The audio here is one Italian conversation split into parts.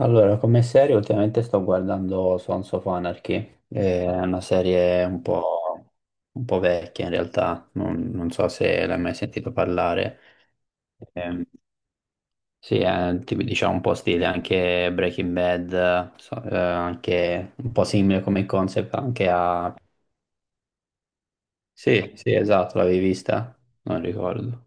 Allora, come serie ultimamente sto guardando Sons of Anarchy, è una serie un po' vecchia in realtà, non so se l'hai mai sentito parlare. Ehm, sì, è tipo, diciamo un po' stile anche Breaking Bad, anche un po' simile come concept anche a... Sì, sì, esatto, l'avevi vista? Non ricordo.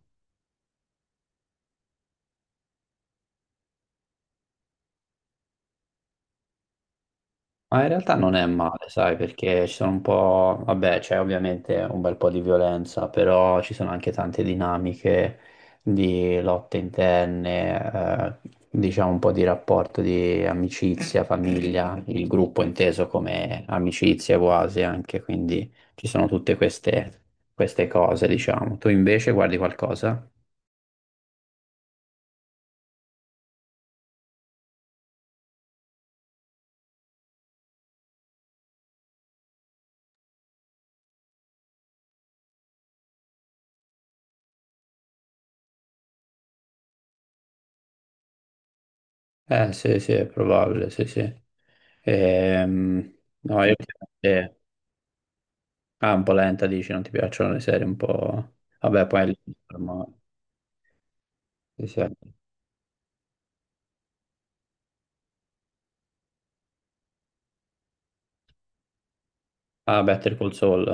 Ma in realtà non è male, sai, perché ci sono un po', vabbè, c'è ovviamente un bel po' di violenza, però ci sono anche tante dinamiche di lotte interne, diciamo un po' di rapporto di amicizia, famiglia, il gruppo inteso come amicizia quasi anche, quindi ci sono tutte queste cose, diciamo. Tu invece guardi qualcosa? Eh sì, sì, è probabile, sì, sì. Ehm, no, io... Ah, un po' lenta, dici, non ti piacciono le serie un po'... Vabbè, poi... lì, insomma, sì, sì. Ah, Better Call Saul.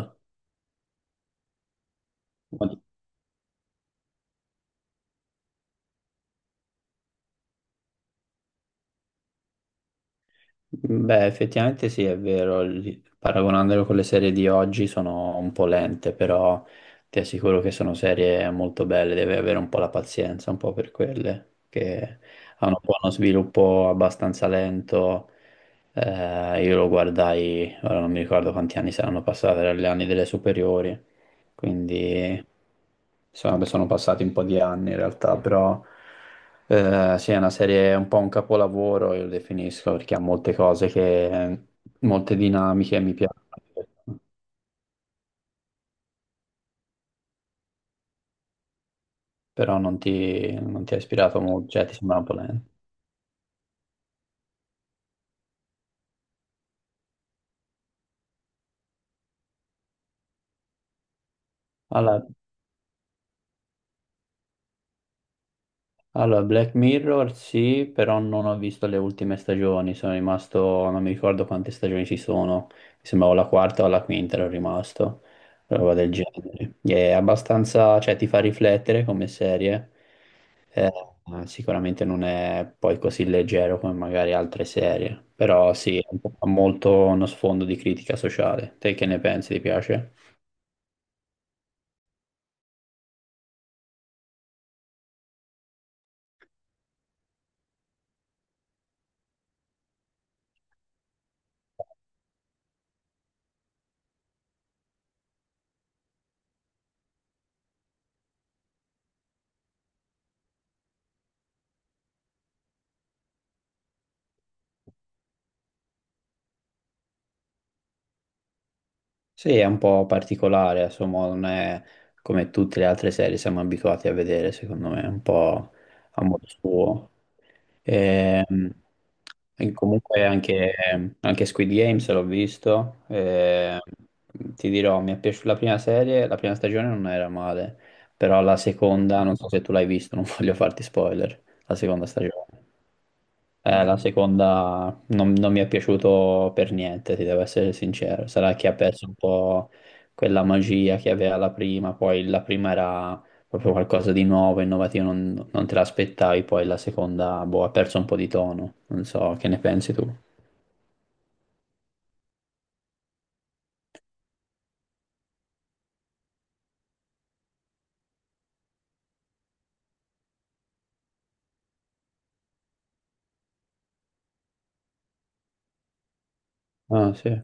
Beh, effettivamente sì, è vero, paragonandolo con le serie di oggi sono un po' lente, però ti assicuro che sono serie molto belle, devi avere un po' la pazienza, un po' per quelle, che hanno un po' uno sviluppo abbastanza lento. Io lo guardai, ora non mi ricordo quanti anni saranno passati, erano gli anni delle superiori, quindi sono passati un po' di anni in realtà, però sì, è una serie, un po' un capolavoro, io lo definisco, perché ha molte cose che, molte dinamiche mi piacciono, però non ti ha ispirato molto, cioè ti sembra un po' lento. Alla- Allora, Black Mirror sì, però non ho visto le ultime stagioni, sono rimasto, non mi ricordo quante stagioni ci sono, mi sembrava la quarta o la quinta ero rimasto, roba del genere. È abbastanza, cioè ti fa riflettere come serie. Eh, sicuramente non è poi così leggero come magari altre serie, però sì, ha molto uno sfondo di critica sociale. Te che ne pensi, ti piace? Sì, è un po' particolare, insomma, non è come tutte le altre serie siamo abituati a vedere, secondo me, un po' a modo suo. Ehm, comunque anche, anche Squid Games l'ho visto, e ti dirò, mi è piaciuta la prima serie, la prima stagione non era male, però la seconda, non so se tu l'hai visto, non voglio farti spoiler, la seconda stagione. La seconda non mi è piaciuto per niente, ti devo essere sincero. Sarà che ha perso un po' quella magia che aveva la prima, poi la prima era proprio qualcosa di nuovo, innovativo, non te l'aspettavi, poi la seconda, boh, ha perso un po' di tono. Non so, che ne pensi tu? Ah, sì.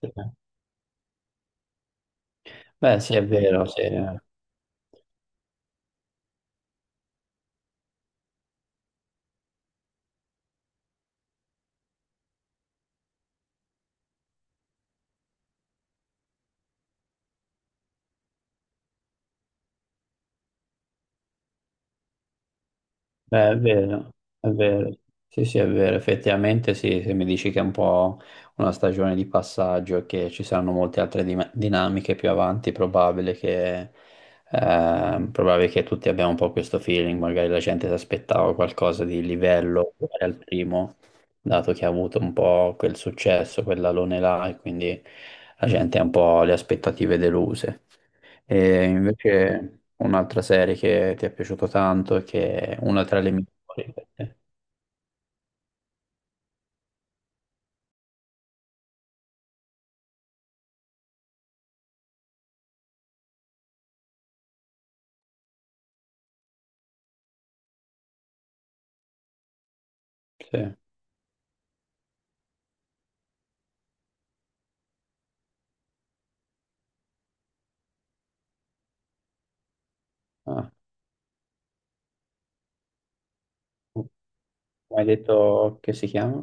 Sì. Beh, sì. È vero, è vero. Sì, sì, è vero. Effettivamente, sì, se mi dici che è un po' una stagione di passaggio e che ci saranno molte altre dinamiche più avanti, è probabile che tutti abbiamo un po' questo feeling. Magari la gente si aspettava qualcosa di livello uguale al primo, dato che ha avuto un po' quel successo, quell'alone là, e quindi la gente ha un po' le aspettative deluse. E invece un'altra serie che ti è piaciuto tanto e che è una tra le migliori per te. Sì. Ah. Mi hai detto che si chiama?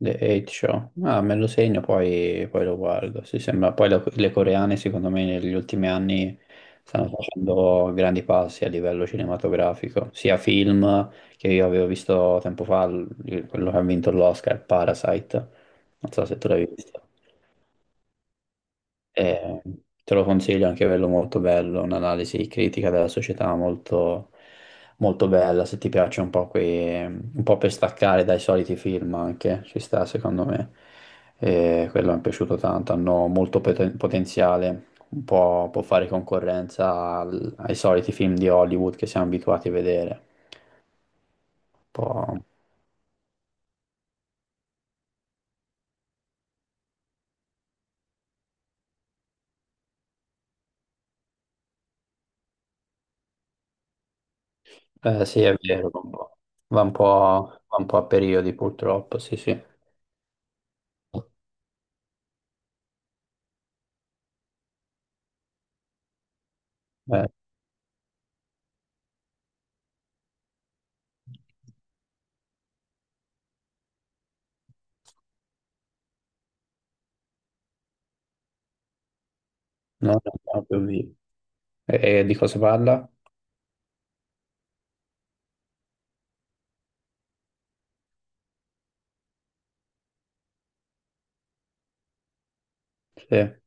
The Eight Show. Ah, me lo segno, poi, poi lo guardo. Sì, sembra. Poi le coreane, secondo me, negli ultimi anni stanno facendo grandi passi a livello cinematografico, sia film che io avevo visto tempo fa, quello che ha vinto l'Oscar, Parasite. Non so se tu l'hai visto. E te lo consiglio anche quello molto bello, un'analisi critica della società molto, molto bella, se ti piace un po' quei, un po' per staccare dai soliti film anche, ci sta secondo me. E quello mi è piaciuto tanto, hanno molto potenziale, un po' può fare concorrenza ai soliti film di Hollywood che siamo abituati a vedere. Un po'... sì, è vero, un po'. Va un po', va un po' a periodi purtroppo, sì, sì. Non è proprio vivo. E di cosa parla? Sì.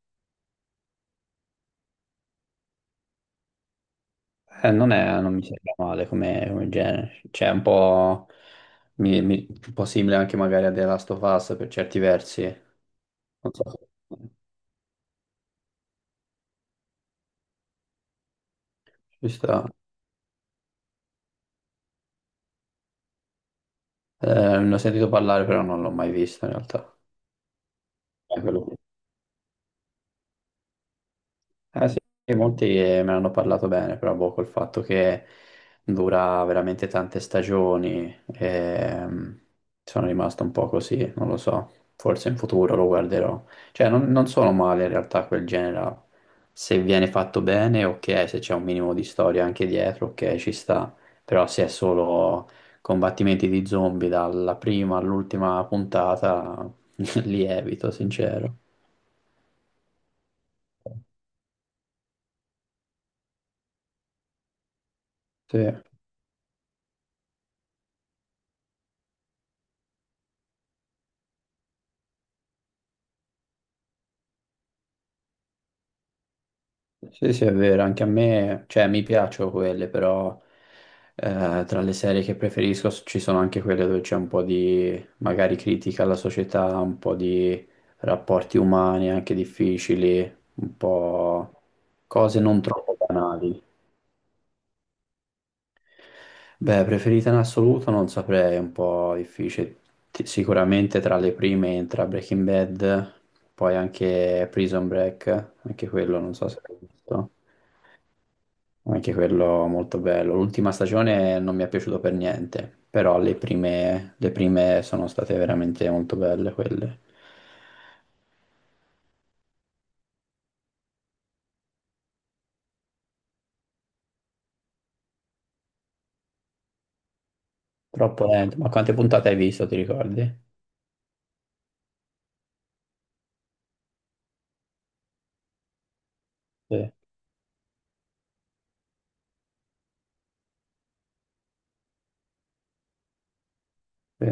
Non mi sembra male come, come genere, cioè è un po', un po' simile anche magari a The Last of Us per certi versi, non so se ci sta. Ne ho sentito parlare però non l'ho mai visto in realtà. Quello... Ah, sì, molti me ne hanno parlato bene, però boh, col fatto che dura veramente tante stagioni, sono rimasto un po' così, non lo so, forse in futuro lo guarderò. Cioè, non sono male in realtà quel genere, là. Se viene fatto bene, ok, se c'è un minimo di storia anche dietro, ok, ci sta, però se è solo combattimenti di zombie dalla prima all'ultima puntata, li evito, sincero. Sì. Sì, sì, è vero, anche a me, cioè mi piacciono quelle, però tra le serie che preferisco ci sono anche quelle dove c'è un po' di magari critica alla società, un po' di rapporti umani anche difficili, un po' cose non troppo banali. Beh, preferita in assoluto non saprei, è un po' difficile. Sicuramente tra le prime entra Breaking Bad, poi anche Prison Break, anche quello non so se l'hai visto. Anche quello molto bello. L'ultima stagione non mi è piaciuto per niente, però le prime sono state veramente molto belle quelle. Troppo lento. Ma quante puntate hai visto, ti ricordi? Sì, sì.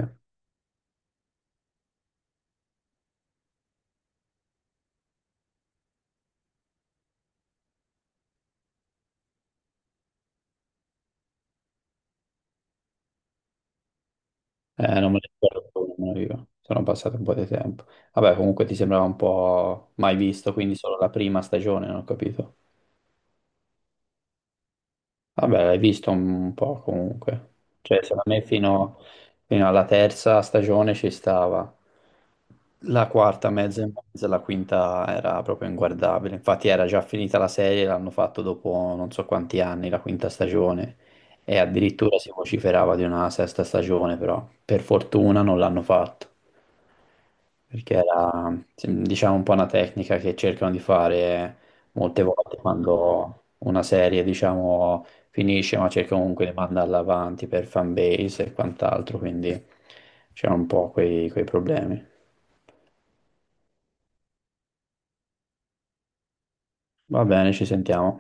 Non me le ricordo più, nemmeno io. Sono passato un po' di tempo. Vabbè, comunque ti sembrava un po' mai visto, quindi solo la prima stagione, non ho capito. Vabbè, l'hai visto un po' comunque. Cioè, secondo me fino, fino alla terza stagione ci stava. La quarta, mezza e mezza, la quinta era proprio inguardabile. Infatti era già finita la serie, l'hanno fatto dopo non so quanti anni, la quinta stagione. E addirittura si vociferava di una sesta stagione, però per fortuna non l'hanno fatto perché era, sì, diciamo, un po' una tecnica che cercano di fare molte volte quando una serie, diciamo, finisce, ma cerca comunque di mandarla avanti per fanbase e quant'altro, quindi c'erano un po' quei problemi. Va bene, ci sentiamo.